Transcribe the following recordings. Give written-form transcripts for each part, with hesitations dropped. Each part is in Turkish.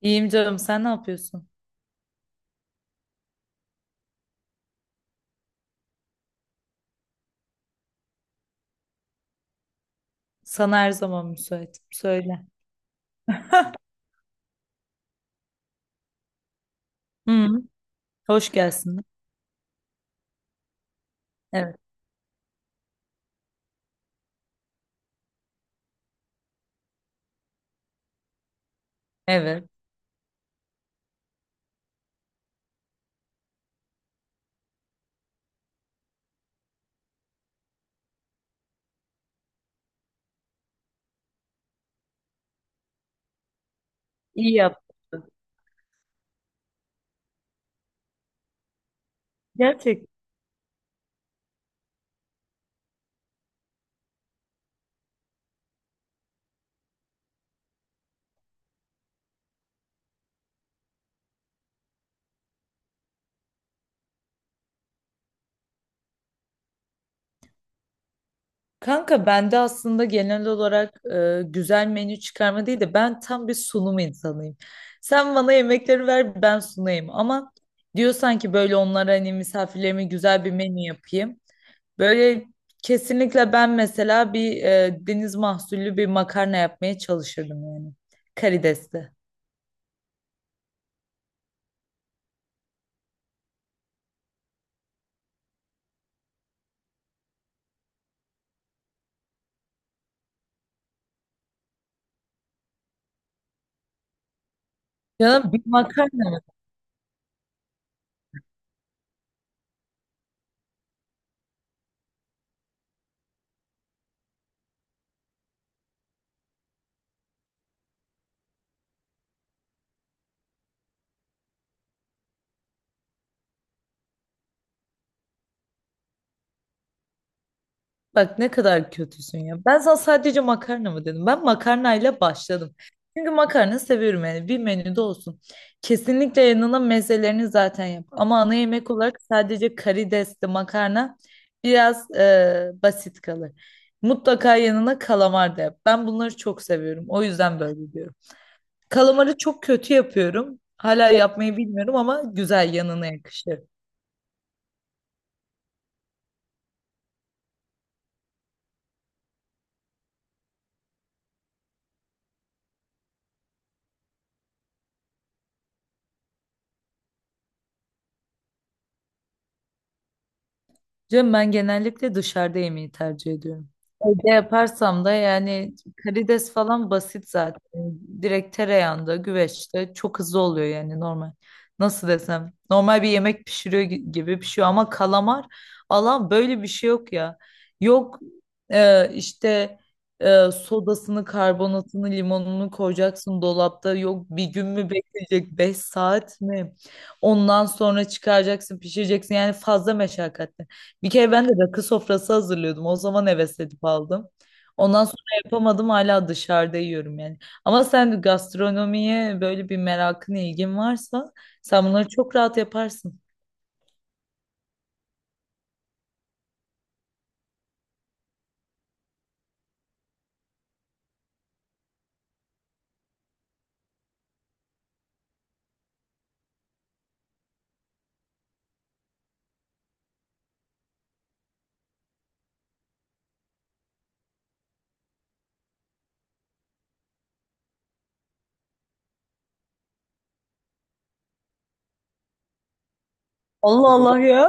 İyiyim canım, sen ne yapıyorsun? Sana her zaman müsaitim. Söyle. Hı, hoş gelsin. Evet. Evet. İyi yaptın. Gerçek. Kanka bende aslında genel olarak güzel menü çıkarma değil de ben tam bir sunum insanıyım. Sen bana yemekleri ver ben sunayım ama diyorsan ki böyle onlara hani misafirlerime güzel bir menü yapayım. Böyle kesinlikle ben mesela bir deniz mahsullü bir makarna yapmaya çalışırdım yani. Karidesli. Canım bir makarna mı? Bak ne kadar kötüsün ya. Ben sana sadece makarna mı dedim. Ben makarnayla başladım. Çünkü makarna seviyorum yani bir menüde olsun. Kesinlikle yanına mezelerini zaten yap. Ama ana yemek olarak sadece karidesli makarna biraz basit kalır. Mutlaka yanına kalamar da yap. Ben bunları çok seviyorum. O yüzden böyle diyorum. Kalamarı çok kötü yapıyorum. Hala yapmayı bilmiyorum ama güzel yanına yakışır. Canım ben genellikle dışarıda yemeği tercih ediyorum. Evde yaparsam da yani karides falan basit zaten. Direkt tereyağında, güveçte çok hızlı oluyor yani normal. Nasıl desem? Normal bir yemek pişiriyor gibi pişiyor ama kalamar Allah böyle bir şey yok ya. Yok e, işte sodasını, karbonatını, limonunu koyacaksın dolapta. Yok bir gün mü bekleyecek? Beş saat mi? Ondan sonra çıkaracaksın, pişireceksin. Yani fazla meşakkatli. Bir kere ben de rakı sofrası hazırlıyordum. O zaman heves edip aldım. Ondan sonra yapamadım hala dışarıda yiyorum yani. Ama sen gastronomiye böyle bir merakın, ilgin varsa sen bunları çok rahat yaparsın. Allah Allah ya.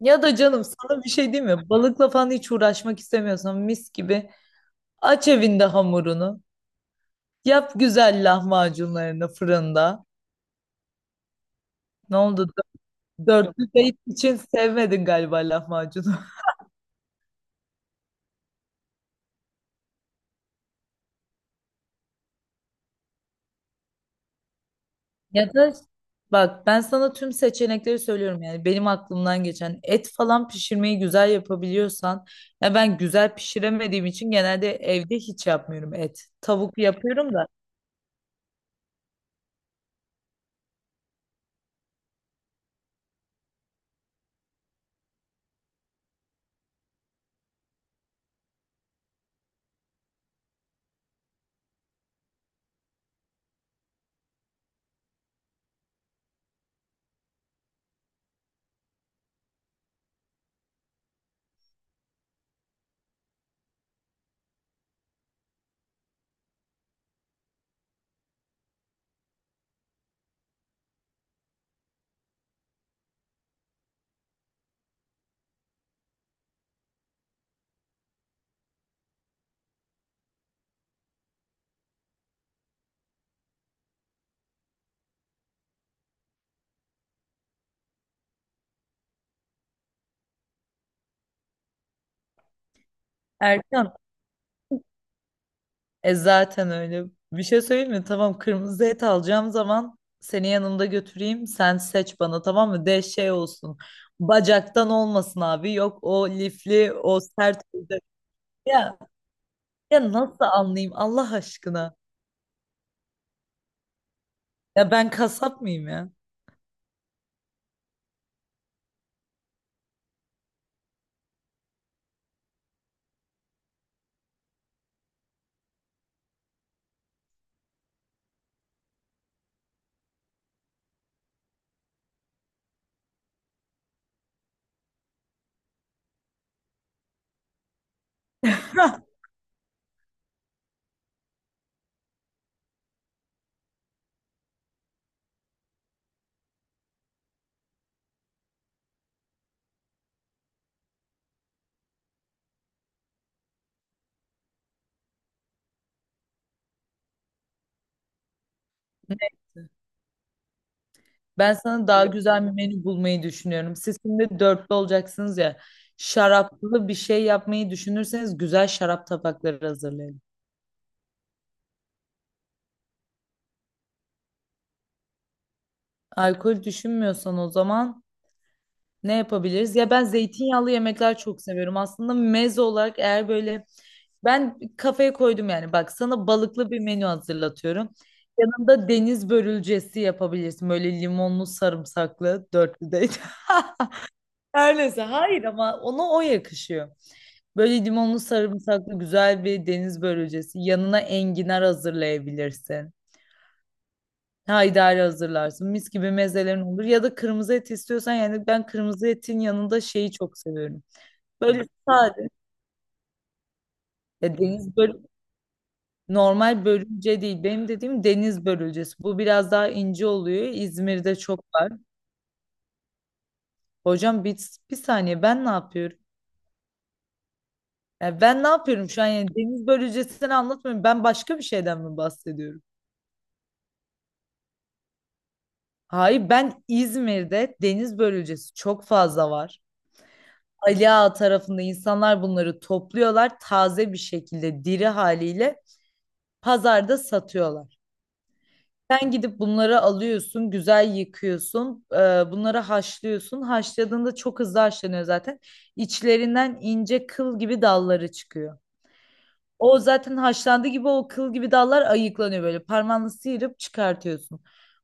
Ya da canım sana bir şey diyeyim mi? Balıkla falan hiç uğraşmak istemiyorsan mis gibi aç evinde hamurunu. Yap güzel lahmacunlarını fırında. Ne oldu? Dörtlü date için sevmedin galiba lahmacunu. Ya da bak ben sana tüm seçenekleri söylüyorum yani benim aklımdan geçen et falan pişirmeyi güzel yapabiliyorsan ya ben güzel pişiremediğim için genelde evde hiç yapmıyorum et. Tavuk yapıyorum da. Erkan zaten öyle bir şey söyleyeyim mi? Tamam, kırmızı et alacağım zaman seni yanımda götüreyim sen seç bana, tamam mı? De şey olsun, bacaktan olmasın abi, yok o lifli o sert olacak. Ya, ya nasıl anlayayım Allah aşkına? Ya ben kasap mıyım ya? Hah, ben sana daha güzel bir menü bulmayı düşünüyorum. Siz şimdi dörtlü olacaksınız ya. Şaraplı bir şey yapmayı düşünürseniz güzel şarap tabakları hazırlayın. Alkol düşünmüyorsan o zaman ne yapabiliriz? Ya ben zeytinyağlı yemekler çok seviyorum. Aslında meze olarak eğer böyle ben kafaya koydum yani bak sana balıklı bir menü hazırlatıyorum. Yanında deniz börülcesi yapabilirsin. Böyle limonlu sarımsaklı dörtlüde. Her neyse hayır, ama ona o yakışıyor. Böyle limonlu sarımsaklı güzel bir deniz börülcesi. Yanına enginar hazırlayabilirsin. Haydari hazırlarsın. Mis gibi mezelerin olur. Ya da kırmızı et istiyorsan yani ben kırmızı etin yanında şeyi çok seviyorum. Böyle sade. Ya deniz börü normal börülce değil. Benim dediğim deniz börülcesi. Bu biraz daha ince oluyor. İzmir'de çok var. Hocam bir, bir saniye ben ne yapıyorum? Ya ben ne yapıyorum şu an, yani deniz börülcesini anlatmıyorum. Ben başka bir şeyden mi bahsediyorum? Hayır, ben İzmir'de deniz börülcesi çok fazla var. Ali Ağa tarafında insanlar bunları topluyorlar taze bir şekilde diri haliyle pazarda satıyorlar. Sen gidip bunları alıyorsun, güzel yıkıyorsun, bunları haşlıyorsun. Haşladığında çok hızlı haşlanıyor zaten. İçlerinden ince kıl gibi dalları çıkıyor. O zaten haşlandığı gibi o kıl gibi dallar ayıklanıyor böyle. Parmağını sıyırıp çıkartıyorsun.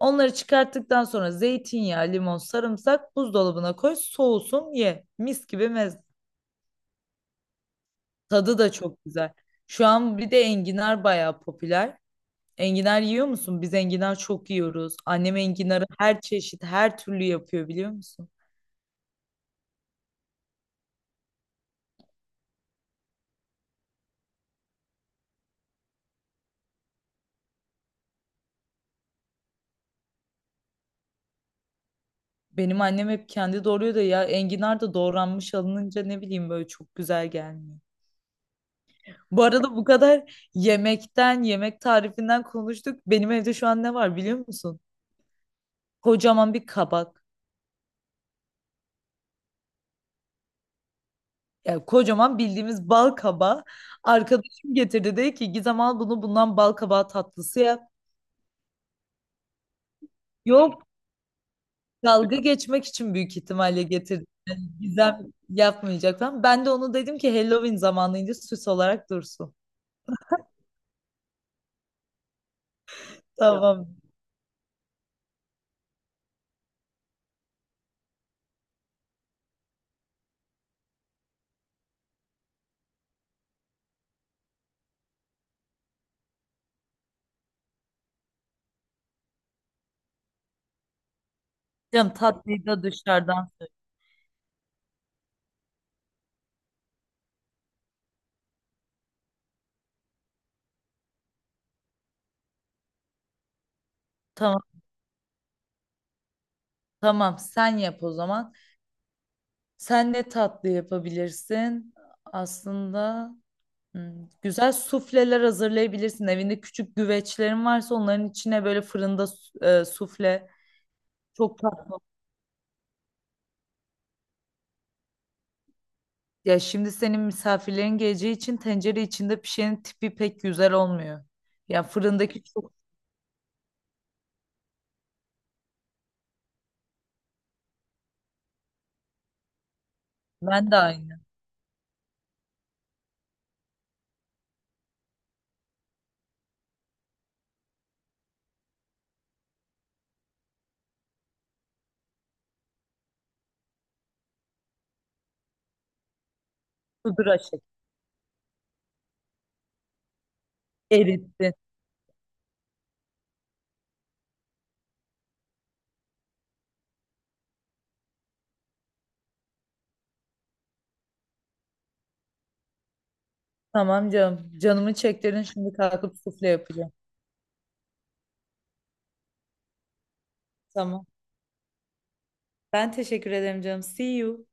Onları çıkarttıktan sonra zeytinyağı, limon, sarımsak buzdolabına koy, soğusun, ye. Mis gibi meze. Tadı da çok güzel. Şu an bir de enginar bayağı popüler. Enginar yiyor musun? Biz enginar çok yiyoruz. Annem enginarı her çeşit, her türlü yapıyor biliyor musun? Benim annem hep kendi doğruyor da ya enginar da doğranmış alınınca ne bileyim böyle çok güzel gelmiyor. Bu arada bu kadar yemekten, yemek tarifinden konuştuk. Benim evde şu an ne var biliyor musun? Kocaman bir kabak. Yani kocaman bildiğimiz bal kabağı. Arkadaşım getirdi, dedi ki Gizem al bunu, bundan bal kabağı tatlısı yap. Yok, dalga geçmek için büyük ihtimalle getirdi. Gizem yapmayacak falan. Ben de onu dedim ki Halloween zamanıydı, süs olarak dursun. Tamam. Canım tatlıyı da dışarıdan. Tamam, tamam sen yap o zaman. Sen ne tatlı yapabilirsin? Aslında güzel sufleler hazırlayabilirsin. Evinde küçük güveçlerin varsa onların içine böyle fırında sufle çok tatlı. Ya şimdi senin misafirlerin geleceği için tencere içinde pişenin tipi pek güzel olmuyor. Ya fırındaki çok ben de aynı. Pudra şekli erittin. Tamam canım. Canımı çektirin şimdi kalkıp sufle yapacağım. Tamam. Ben teşekkür ederim canım. See you.